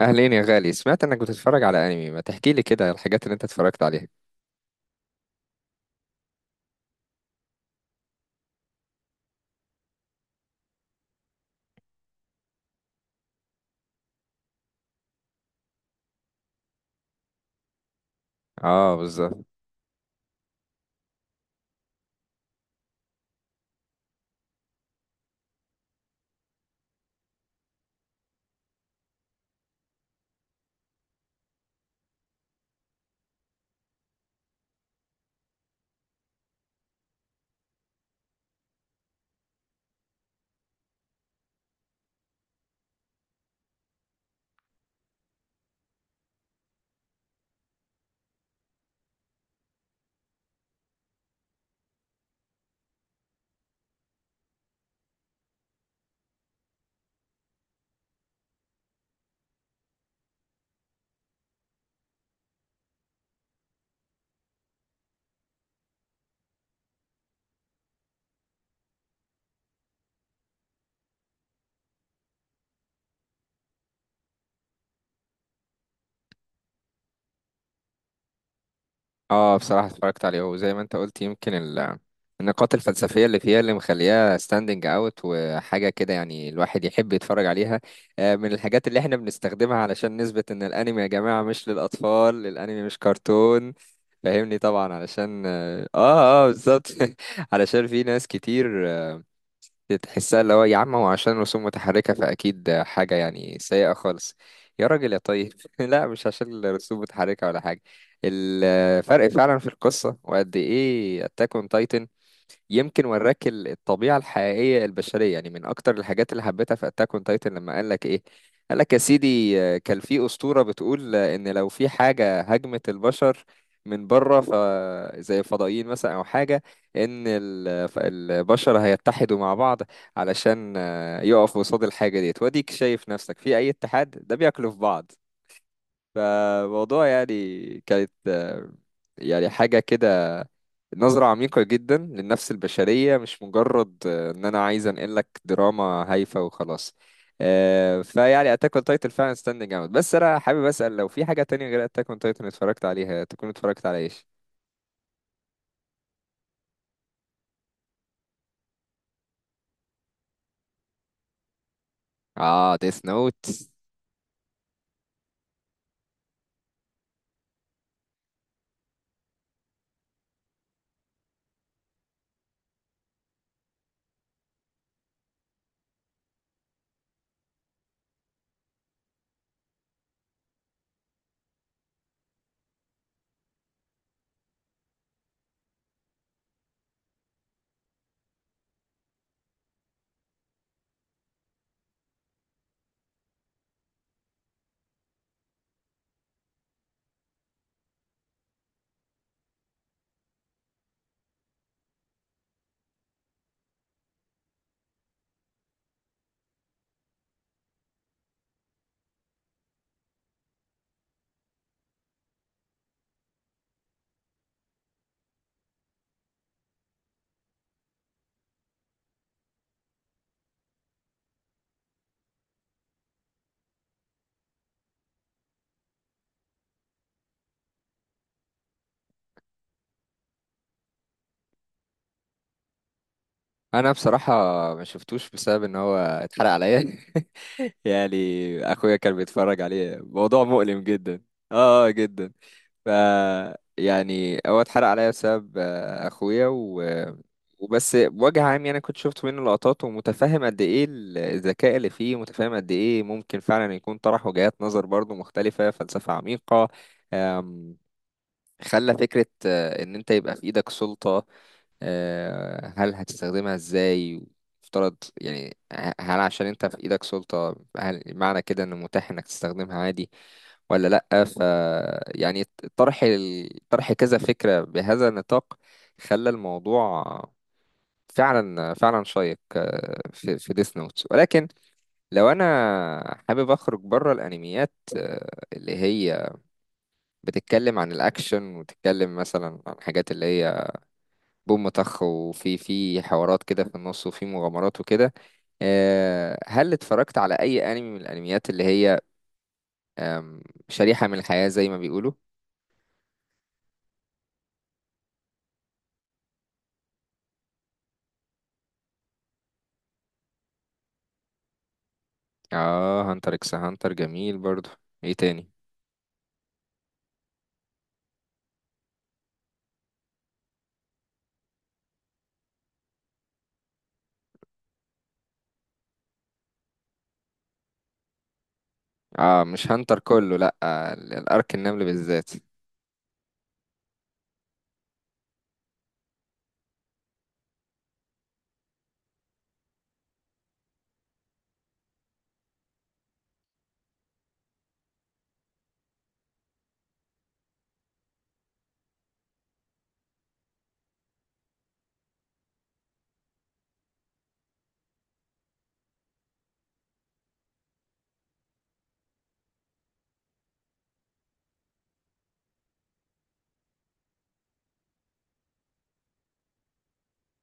اهلين يا غالي، سمعت انك بتتفرج على انمي. ما تحكي لي كده الحاجات اللي انت اتفرجت عليها. اه بالظبط. اه بصراحة اتفرجت عليه وزي ما انت قلت، يمكن النقاط الفلسفية اللي فيها اللي مخليها ستاندنج اوت وحاجة كده، يعني الواحد يحب يتفرج عليها. من الحاجات اللي احنا بنستخدمها علشان نثبت ان الانمي يا جماعة مش للاطفال، الانمي مش كرتون. فاهمني طبعا، علشان بالظبط. علشان في ناس كتير تحسها اللي هو يا عم هو عشان رسوم متحركة فأكيد حاجة يعني سيئة خالص. يا راجل يا طيب. لا، مش عشان الرسوم متحركة ولا حاجة. الفرق فعلا في القصة، وقد إيه أتاك أون تايتن يمكن وراك الطبيعة الحقيقية البشرية. يعني من أكتر الحاجات اللي حبيتها في أتاك أون تايتن، لما قال لك إيه؟ قال لك يا سيدي كان في أسطورة بتقول إن لو في حاجة هاجمت البشر من بره، ف زي الفضائيين مثلا أو حاجة، إن البشر هيتحدوا مع بعض علشان يقفوا قصاد الحاجة ديت. وأديك شايف نفسك في أي اتحاد ده بياكلوا في بعض. فموضوع يعني كانت يعني حاجة كده، نظرة عميقة جدا للنفس البشرية، مش مجرد إن أنا عايز أنقل لك دراما هايفة وخلاص. فيعني أتاك أون تايتن فعلا ستاندنج أوت. بس أنا حابب أسأل، لو في حاجة تانية غير أتاك أون تايتن اتفرجت عليها، تكون اتفرجت على إيش؟ آه، ديث نوت. أنا بصراحة ما شفتوش بسبب إن هو اتحرق عليا. يعني أخويا كان بيتفرج عليه، موضوع مؤلم جدا. جدا. ف يعني هو اتحرق عليا بسبب اخويا و... وبس بوجه عام يعني كنت شفت منه لقطات، ومتفهم قد ايه الذكاء اللي فيه، متفهم قد ايه ممكن فعلا يكون طرح وجهات نظر برضو مختلفة، فلسفة عميقة. آم، خلى فكرة ان انت يبقى في ايدك سلطة، هل هتستخدمها ازاي؟ افترض يعني هل عشان انت في ايدك سلطة، هل معنى كده ان متاح انك تستخدمها عادي ولا لأ؟ ف يعني طرح طرح كذا فكرة بهذا النطاق خلى الموضوع فعلا فعلا شيق في في ديس نوتس. ولكن لو انا حابب اخرج بره الانميات اللي هي بتتكلم عن الاكشن، وتتكلم مثلا عن حاجات اللي هي بوم طخ، وفي في حوارات كده في النص وفي مغامرات وكده، هل اتفرجت على اي انمي من الانميات اللي هي آم، شريحة من الحياة زي ما بيقولوا؟ اه، هانتر اكس هانتر جميل برضو. ايه تاني؟ اه مش هانتر كله، لا، الارك النمل بالذات.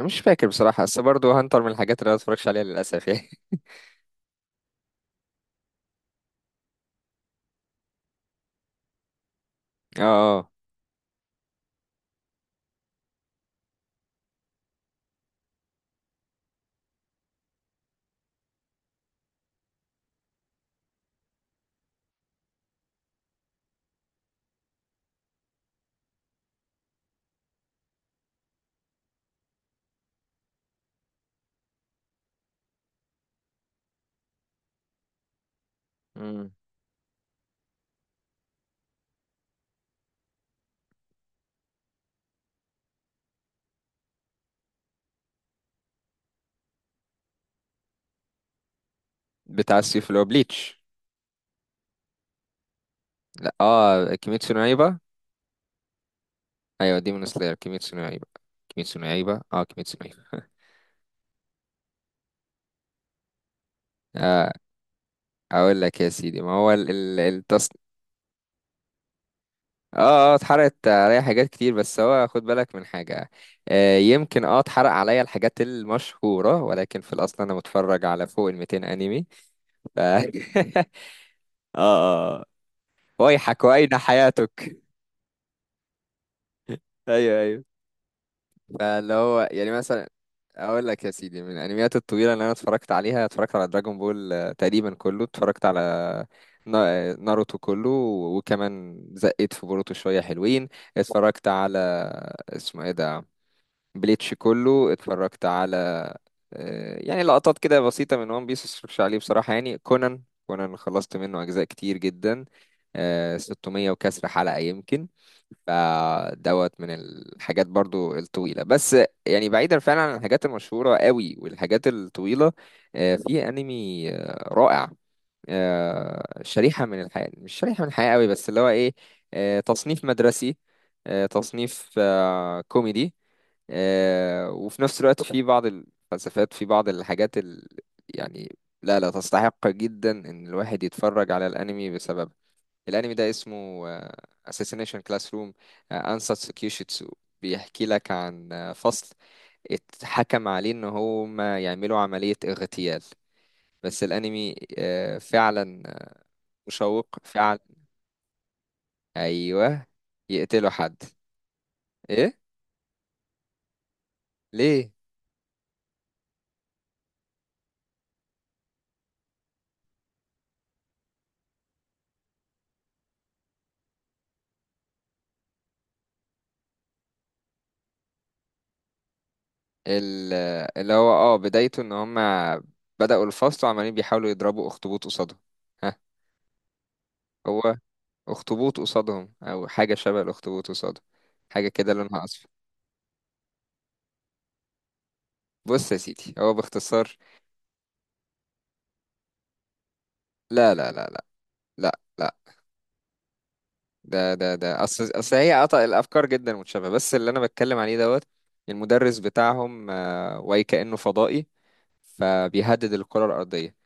مش فاكر بصراحة، بس برضو هانتر من الحاجات اللي انا متفرجش عليها للاسف يعني. اه. اه. مم. بتاع السيف اللي هو بليتش؟ لا. اه، كيميتسو نو يايبا. ايوه، ديمون سلاير، كيميتسو نو يايبا. كيميتسو نو يايبا، اه كيميتسو نو يايبا. اقول لك يا سيدي، ما هو التص. اه، اه اتحرقت عليا حاجات كتير، بس هو خد بالك من حاجة. آه يمكن اه اتحرق عليا الحاجات المشهورة، ولكن في الأصل أنا متفرج على فوق ال 200 أنمي. ف... اه. اه. ويحك وأين حياتك. أيوه أيوه. فاللي هو يعني مثلا، اقول لك يا سيدي، من الانميات الطويله اللي انا اتفرجت عليها اتفرجت على دراجون بول تقريبا كله، اتفرجت على ناروتو كله، وكمان زقيت في بوروتو شويه حلوين. اتفرجت على اسمه ايه ده، بليتش كله. اتفرجت على يعني لقطات كده بسيطه من وان بيس، مش عليه بصراحه يعني. كونان، كونان خلصت منه اجزاء كتير جدا، 600 وكسر حلقه يمكن، فدوت من الحاجات برضو الطويلة. بس يعني بعيدا فعلا عن الحاجات المشهورة قوي والحاجات الطويلة، في انمي رائع، شريحة من الحياة، مش شريحة من الحياة قوي، بس اللي هو ايه، تصنيف مدرسي، تصنيف كوميدي، وفي نفس الوقت في بعض الفلسفات، في بعض الحاجات ال... يعني لا لا تستحق جدا ان الواحد يتفرج على الانمي بسببها. الانمي ده اسمه Assassination Classroom، Ansatsu Kyushitsu. بيحكي لك عن فصل اتحكم عليه ان هم يعملوا عملية اغتيال. بس الانمي فعلا مشوق فعلا. ايوه. يقتلوا حد. ايه؟ ليه؟ ال- اللي هو اه بدايته ان هم بدأوا الفصل وعمالين بيحاولوا يضربوا اخطبوط قصادهم. ها؟ هو اخطبوط قصادهم او حاجة شبه الاخطبوط قصادهم، حاجة كده لونها اصفر. بص يا سيدي هو باختصار. لا لا لا لا. لا لا. ده ده ده اصل اصل هي قطع الافكار جدا متشابهه، بس اللي انا بتكلم عليه دوت، المدرس بتاعهم واي كانه فضائي، فبيهدد الكره الارضيه.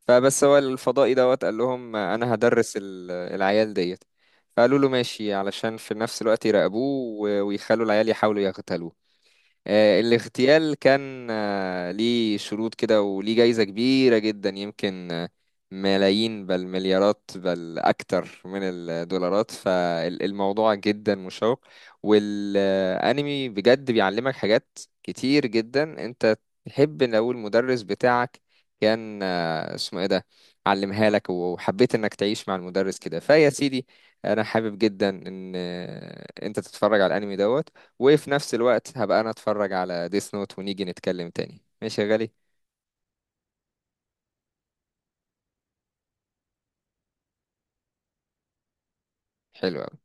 فبس هو الفضائي دوت قال لهم انا هدرس العيال ديت. فقالوا له ماشي، علشان في نفس الوقت يراقبوه ويخلوا العيال يحاولوا يغتالوه. الاغتيال كان ليه شروط كده وليه جايزة كبيرة جدا يمكن ملايين بل مليارات بل أكتر من الدولارات. فالموضوع جدا مشوق. والأنمي بجد بيعلمك حاجات كتير جدا. أنت تحب لو المدرس بتاعك كان اسمه ايه ده، علمها لك وحبيت انك تعيش مع المدرس كده. فيا سيدي انا حابب جدا ان انت تتفرج على الانمي دوت، وفي نفس الوقت هبقى انا اتفرج على ديس نوت، ونيجي نتكلم تاني ماشي يا غالي. حلو أوي.